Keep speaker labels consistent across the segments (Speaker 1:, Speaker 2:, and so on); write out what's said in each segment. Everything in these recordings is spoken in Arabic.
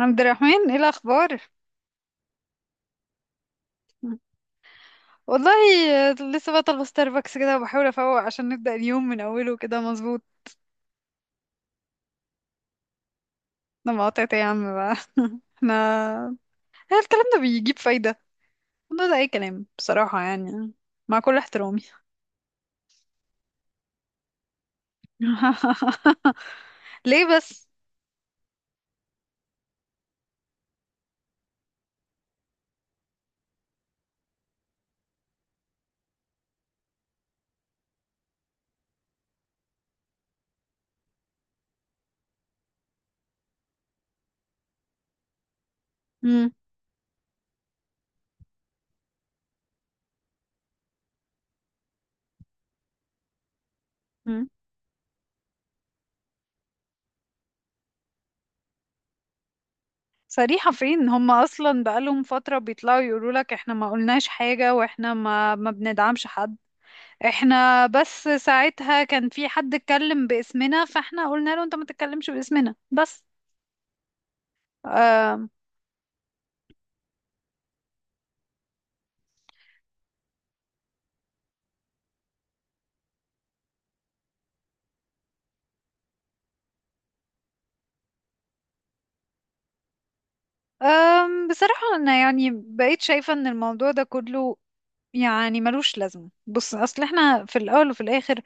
Speaker 1: عبد الرحمن، ايه الاخبار؟ والله، لسه بطلب ستاربكس كده وبحاول افوق عشان نبدا اليوم من اوله كده مظبوط. انا مقاطعت يا عم بقى. احنا هل الكلام ده بيجيب فايده؟ والله ده اي كلام بصراحه، يعني مع كل احترامي. ليه بس؟ مم. مم. صريحة فين؟ هم أصلا بقالهم فترة بيطلعوا يقولوا لك احنا ما قلناش حاجة، واحنا ما ما بندعمش حد. احنا بس ساعتها كان في حد اتكلم باسمنا، فاحنا قلنا له انت ما تتكلمش باسمنا بس. أم أم بصراحة انا يعني بقيت شايفة ان الموضوع ده كله يعني ملوش لازمة. بص، اصل احنا في الاول وفي الاخر،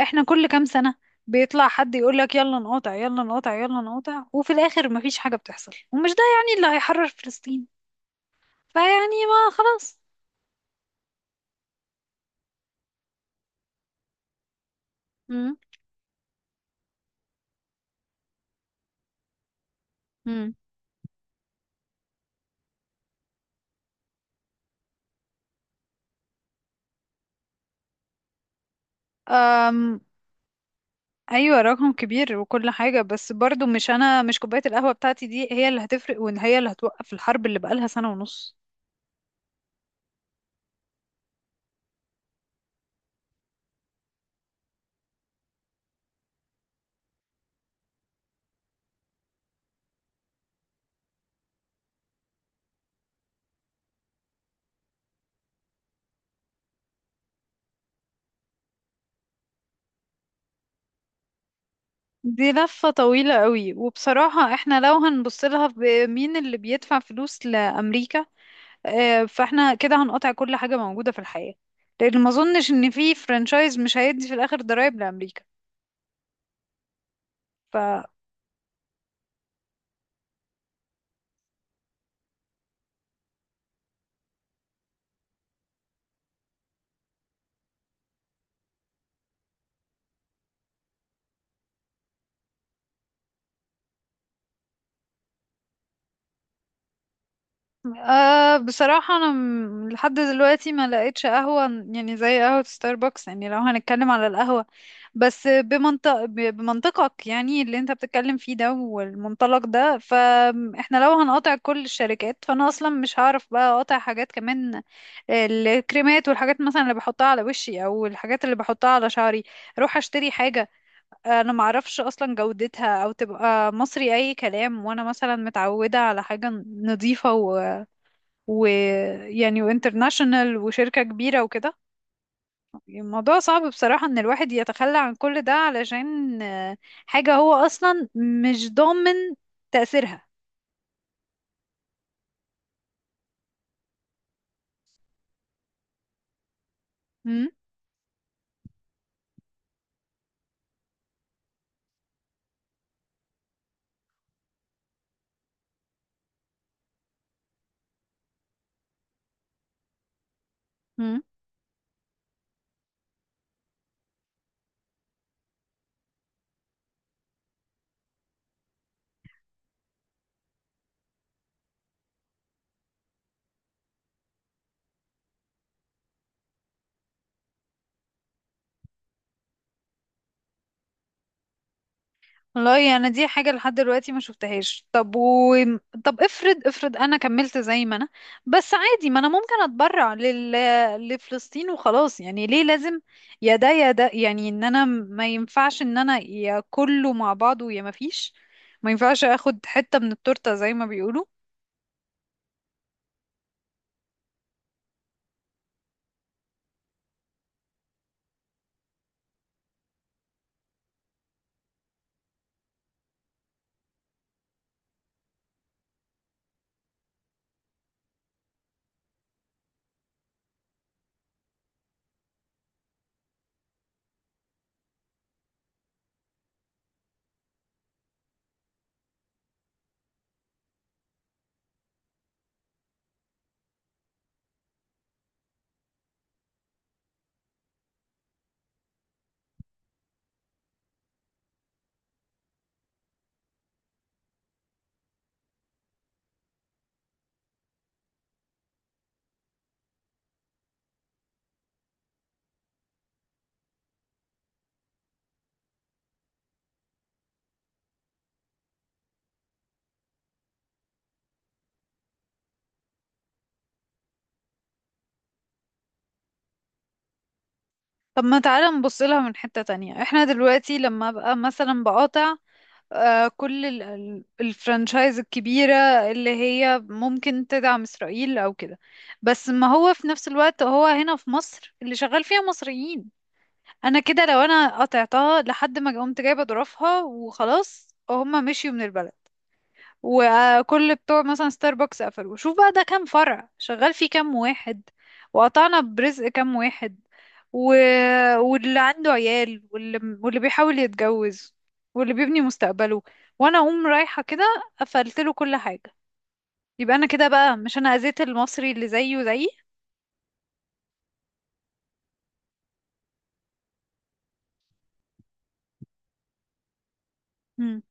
Speaker 1: احنا كل كام سنة بيطلع حد يقولك يلا نقاطع، يلا نقاطع، يلا نقاطع، وفي الاخر مفيش حاجة بتحصل، ومش ده يعني اللي هيحرر فلسطين. فيعني ما خلاص. مم. مم. ايوه، رقم كبير وكل حاجه، بس برضو مش، انا مش كوبايه القهوه بتاعتي دي هي اللي هتفرق، وان هي اللي هتوقف الحرب اللي بقالها سنه ونص. دي لفه طويله قوي، وبصراحه احنا لو هنبص لها بمين اللي بيدفع فلوس لامريكا، فاحنا كده هنقطع كل حاجه موجوده في الحياه، لان ما اظنش ان في فرانشايز مش هيدي في الاخر ضرائب لامريكا. أه، بصراحة أنا لحد دلوقتي ما لقيتش قهوة يعني زي قهوة ستاربكس. يعني لو هنتكلم على القهوة بس بمنطق بمنطقك، يعني اللي انت بتتكلم فيه ده والمنطلق ده، فاحنا لو هنقاطع كل الشركات فأنا أصلا مش هعرف بقى أقاطع حاجات كمان. الكريمات والحاجات مثلا اللي بحطها على وشي أو الحاجات اللي بحطها على شعري، أروح أشتري حاجة أنا معرفش أصلا جودتها أو تبقى مصري أي كلام، وأنا مثلا متعودة على حاجة نظيفة ويعني وانترناشونال وشركة كبيرة وكده. الموضوع صعب بصراحة ان الواحد يتخلى عن كل ده علشان حاجة هو اصلا مش ضامن تأثيرها. مم. والله انا يعني دي حاجه لحد دلوقتي ما شفتهاش. طب افرض، افرض انا كملت زي ما انا، بس عادي ما انا ممكن اتبرع لفلسطين وخلاص. يعني ليه لازم يا ده يا ده؟ يعني ان انا ما ينفعش ان انا، يا كله مع بعضه يا ما فيش. ما ينفعش اخد حته من التورته زي ما بيقولوا. طب ما تعالى نبص لها من حته تانية، احنا دلوقتي لما ابقى مثلا بقاطع كل الفرنشايز الكبيرة اللي هي ممكن تدعم إسرائيل أو كده، بس ما هو في نفس الوقت هو هنا في مصر اللي شغال فيها مصريين. أنا كده لو أنا قطعتها لحد ما قمت جايبة ظروفها وخلاص هما مشيوا من البلد، وكل بتوع مثلا ستاربكس قفلوا، شوف بقى ده كام فرع شغال فيه كام واحد، وقطعنا برزق كام واحد، و... واللي عنده عيال، واللي بيحاول يتجوز، واللي بيبني مستقبله، وانا اقوم رايحة كده قفلت له كل حاجة. يبقى انا كده بقى مش انا اذيت المصري اللي زيه زيي؟ مم.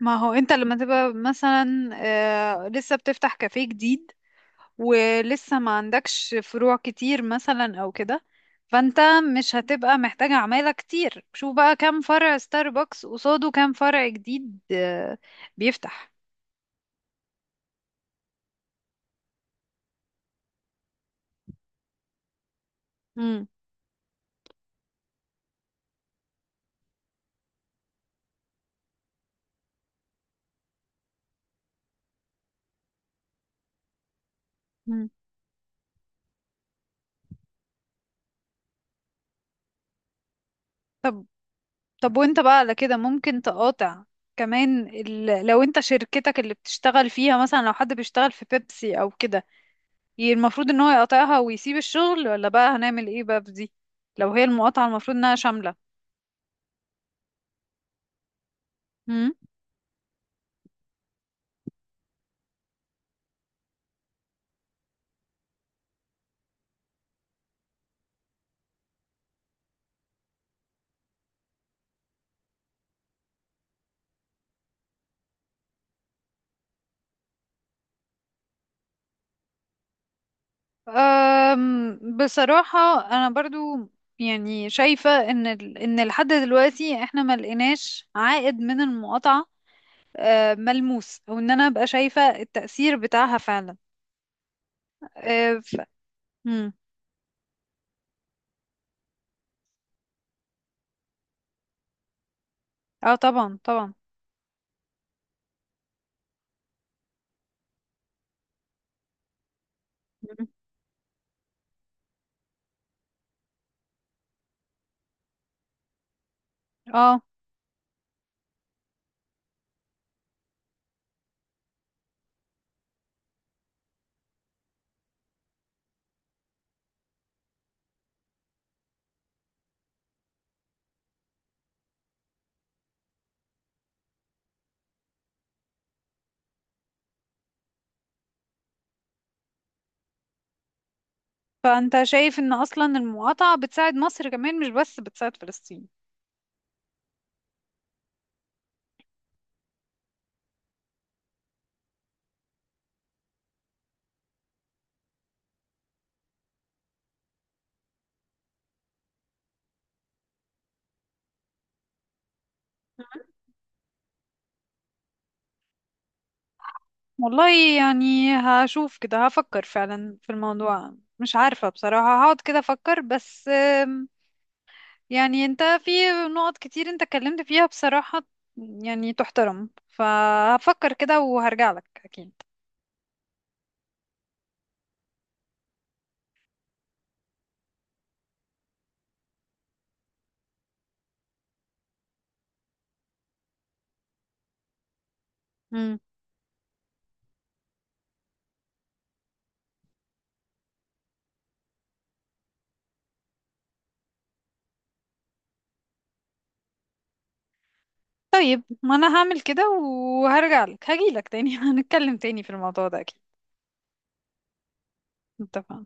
Speaker 1: ما هو انت لما تبقى مثلا لسه بتفتح كافيه جديد ولسه ما عندكش فروع كتير مثلا او كده، فانت مش هتبقى محتاجة عمالة كتير. شوف بقى كام فرع ستاربكس قصاده كام فرع جديد بيفتح. مم. مم. طب وانت بقى على كده ممكن تقاطع كمان، لو انت شركتك اللي بتشتغل فيها، مثلا لو حد بيشتغل في بيبسي او كده، المفروض ان هو يقاطعها ويسيب الشغل، ولا بقى هنعمل ايه بقى في دي لو هي المقاطعة المفروض انها شاملة؟ بصراحة أنا برضو يعني شايفة إن إن لحد دلوقتي إحنا ما لقيناش عائد من المقاطعة ملموس، أو إن أنا أبقى شايفة التأثير بتاعها فعلا. أه، مم. اه، طبعا طبعا. مم. اه، فأنت شايف إن أصلا المقاطعة بتساعد مصر كمان مش بس بتساعد فلسطين؟ مم. والله يعني هشوف كده، هفكر فعلا في الموضوع. مش عارفة بصراحة، هقعد كده أفكر بس. يعني انت في نقط كتير انت اتكلمت فيها بصراحة يعني تحترم، فهفكر كده وهرجع لك اكيد. مم. طيب ما انا هعمل كده وهرجع لك هجي لك تاني. هنتكلم تاني في الموضوع ده اكيد. اتفقنا.